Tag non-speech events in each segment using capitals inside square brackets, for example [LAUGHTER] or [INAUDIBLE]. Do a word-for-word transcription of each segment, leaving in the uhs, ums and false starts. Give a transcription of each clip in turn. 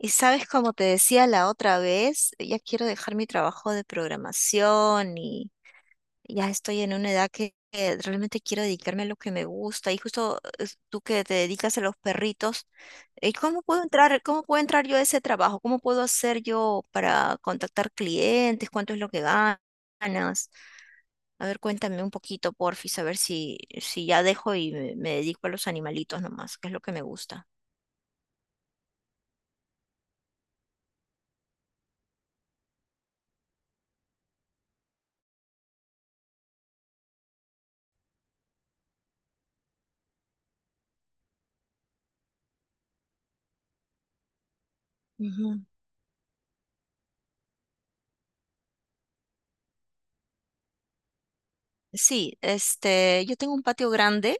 Y sabes, como te decía la otra vez, ya quiero dejar mi trabajo de programación y ya estoy en una edad que que realmente quiero dedicarme a lo que me gusta. Y justo es- tú que te dedicas a los perritos, eh, ¿cómo puedo entrar, cómo puedo entrar yo a ese trabajo? ¿Cómo puedo hacer yo para contactar clientes? ¿Cuánto es lo que ganas? A ver, cuéntame un poquito, porfis, a ver si, si ya dejo y me, me dedico a los animalitos nomás, que es lo que me gusta. Ujú. Sí, este, yo tengo un patio grande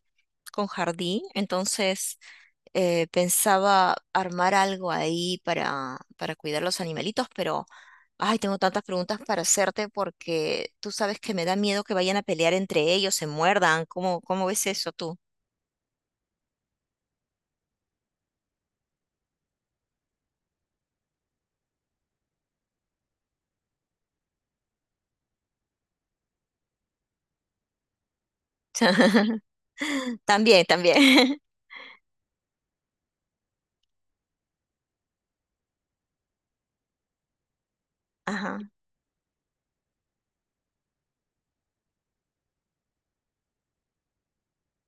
con jardín, entonces eh, pensaba armar algo ahí para, para cuidar los animalitos, pero, ay, tengo tantas preguntas para hacerte porque tú sabes que me da miedo que vayan a pelear entre ellos, se muerdan. ¿Cómo, cómo ves eso tú? [LAUGHS] También, también. [LAUGHS] Ajá,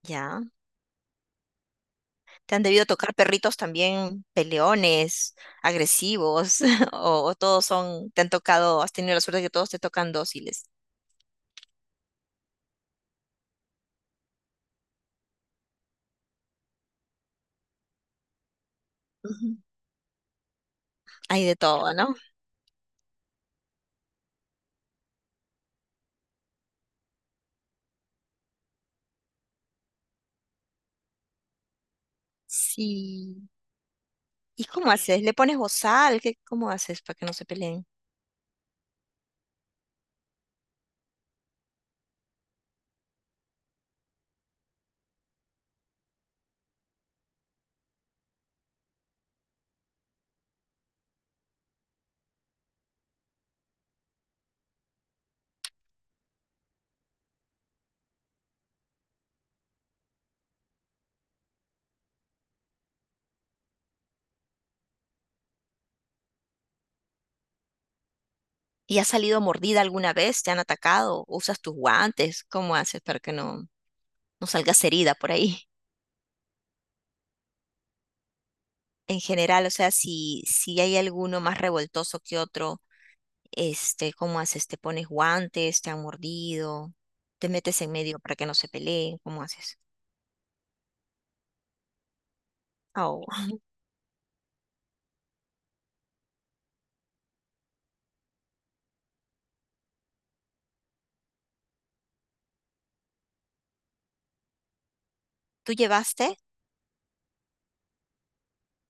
ya. ¿Te han debido tocar perritos también peleones, agresivos? [LAUGHS] ¿O, o todos son, te han tocado, has tenido la suerte de que todos te tocan dóciles? Ujú. Hay de todo, ¿no? Sí. ¿Y cómo haces? ¿Le pones bozal? ¿Qué, cómo haces para que no se peleen? ¿Y has salido mordida alguna vez? ¿Te han atacado? ¿Usas tus guantes? ¿Cómo haces para que no, no salgas herida por ahí? [LAUGHS] En general, o sea, si, si hay alguno más revoltoso que otro, este, ¿cómo haces? ¿Te pones guantes? ¿Te han mordido? ¿Te metes en medio para que no se peleen? ¿Cómo haces? Oh, ¿tú llevaste?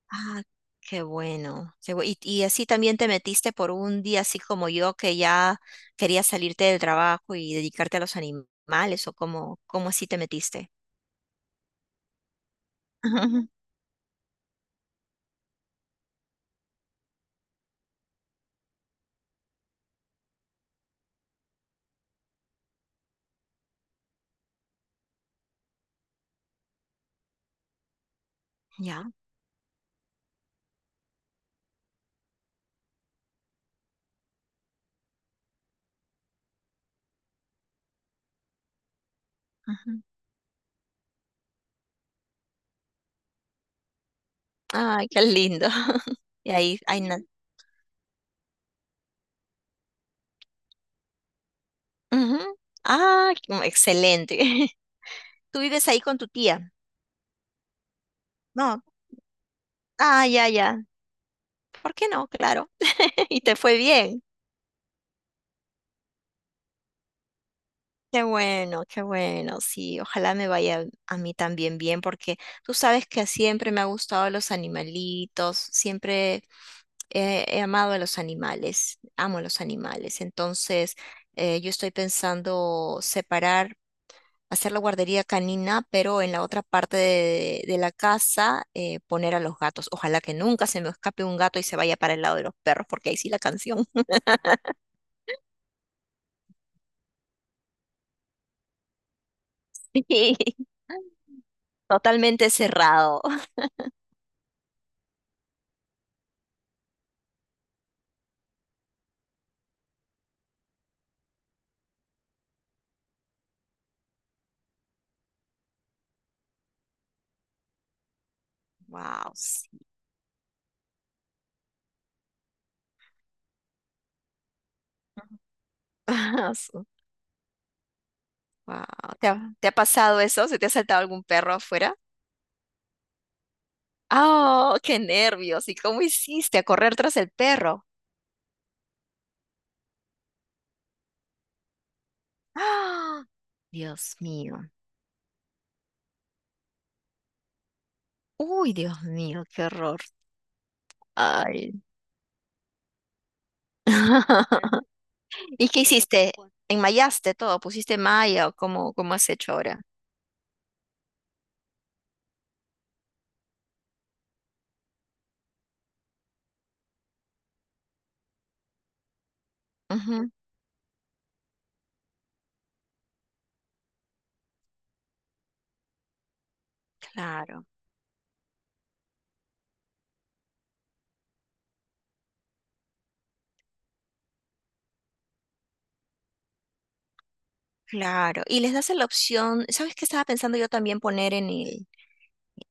Ah, qué bueno. qué bu- Y, y así también te metiste por un día, así como yo, que ya querías salirte del trabajo y dedicarte a los animales, o cómo, cómo así te metiste. [LAUGHS] Ujú, ya. Ujú. Ay, qué lindo. [LAUGHS] Y ahí, ahí na- ujú. Ah, qué- excelente. [LAUGHS] ¿Tú vives ahí con tu tía? No. Ah, ya, ya. ¿Por qué no? Claro. [LAUGHS] Y te fue bien. Qué bueno, qué bueno, sí, ojalá me vaya a mí también bien, porque tú sabes que siempre me ha gustado los animalitos, siempre he, he amado a los animales, amo los animales, entonces eh, yo estoy pensando separar, hacer la guardería canina, pero en la otra parte de, de la casa eh, poner a los gatos. Ojalá que nunca se me escape un gato y se vaya para el lado de los perros, porque ahí sí la canción. [LAUGHS] Totalmente cerrado. Wow. Ah, su- Wow. ¿Te ha, te ha pasado eso? ¿Se te ha saltado algún perro afuera? ¡Oh, qué nervios! ¿Y cómo hiciste a correr tras el perro? ¡Ah! Dios mío. Uy, Dios mío, qué horror. Ay. [LAUGHS] ¿Y qué hiciste? ¿Enmayaste todo? ¿Pusiste malla o cómo, cómo has hecho ahora? Ujú, claro, claro. Y les das la opción, ¿sabes qué estaba pensando yo también poner en el,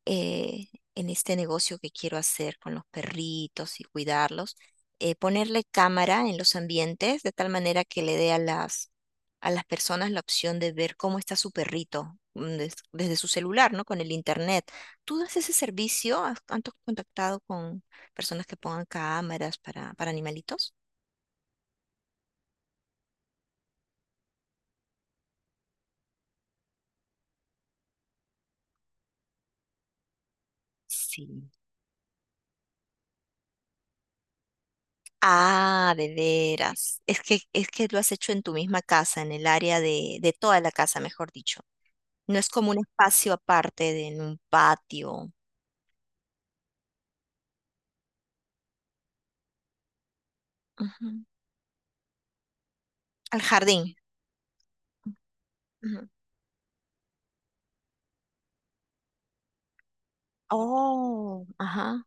eh, en este negocio que quiero hacer con los perritos y cuidarlos, eh, ponerle cámara en los ambientes de tal manera que le dé a las, a las personas la opción de ver cómo está su perrito mm, des- desde su celular, ¿no? Con el internet. ¿Tú das ese servicio? ¿Has, han to- contactado con personas que pongan cámaras para, para animalitos? Sí. Ah, de veras. Es que, es que lo has hecho en tu misma casa, en el área de, de toda la casa, mejor dicho. No es como un espacio aparte de en un patio. Ujú. Al jardín. Ujú. Oh, ajá,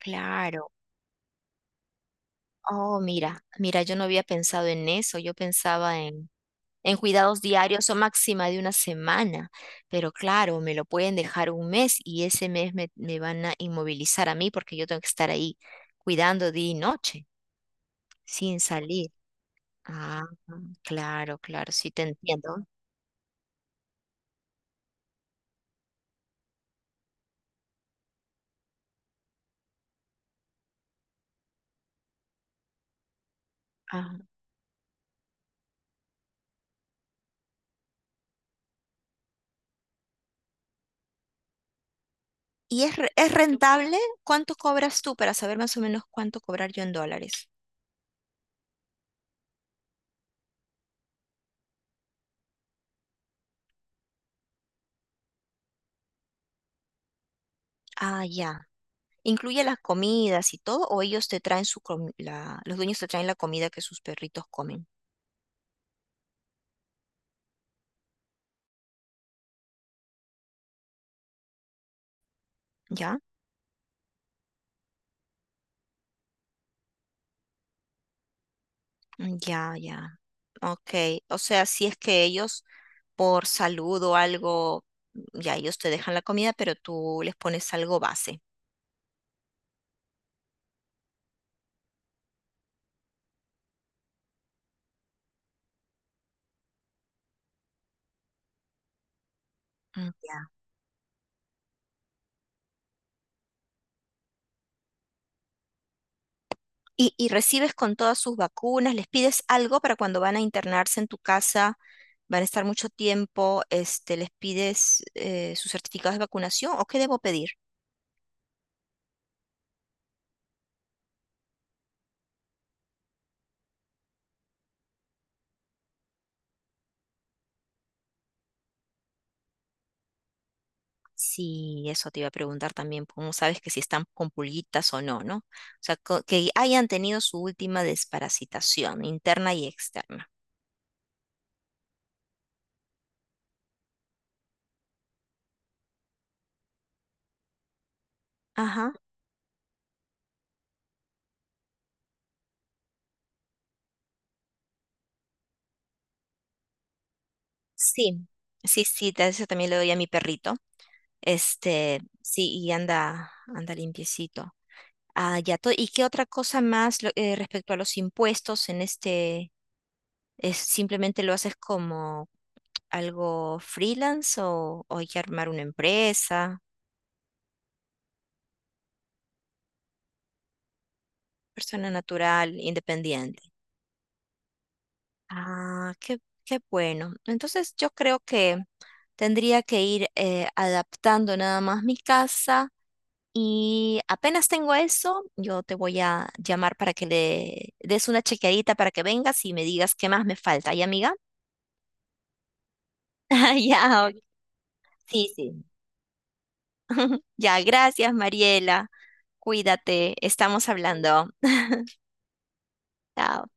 claro. Oh, mira, mira, yo no había pensado en eso. Yo pensaba en, en cuidados diarios o máxima de una semana. Pero claro, me lo pueden dejar un mes y ese mes me, me van a inmovilizar a mí porque yo tengo que estar ahí cuidando día y noche, sin salir. Ah, claro, claro, sí te entiendo. ¿Y es, re- es rentable? ¿Cuánto cobras tú para saber más o menos cuánto cobrar yo en dólares? Ah, ya. ¿Incluye las comidas y todo? ¿O ellos te traen su comi- la, los dueños te traen la comida que sus perritos comen? ¿Ya? Mm, ya, ya. Ok. O sea, si es que ellos por salud o algo, ya ellos te dejan la comida, pero tú les pones algo base. Mm, ya. Y, y recibes con todas sus vacunas, les pides algo para cuando van a internarse en tu casa, van a estar mucho tiempo, este, les pides eh, sus certificados de vacunación o qué debo pedir. Sí, eso te iba a preguntar también, cómo sabes que si están con pulguitas o no, ¿no? O sea, co- que hayan tenido su última desparasitación interna y externa. Ajá. Sí, sí, sí, ta- eso también le doy a mi perrito. Este, sí, y anda, anda limpiecito. Ah, ya todo. ¿Y qué otra cosa más lo- eh, respecto a los impuestos en este, es simplemente lo haces como algo freelance o, o hay que armar una empresa, persona natural, independiente? Ah, qué, qué bueno. Entonces yo creo que tendría que ir eh, adaptando nada más mi casa. Y apenas tengo eso, yo te voy a llamar para que le des una chequeadita para que vengas y me digas qué más me falta, ¿ya, amiga? [LAUGHS] Ya, ok. Sí, sí. Ya, gracias, Mariela. Cuídate, estamos hablando. [LAUGHS] Chao.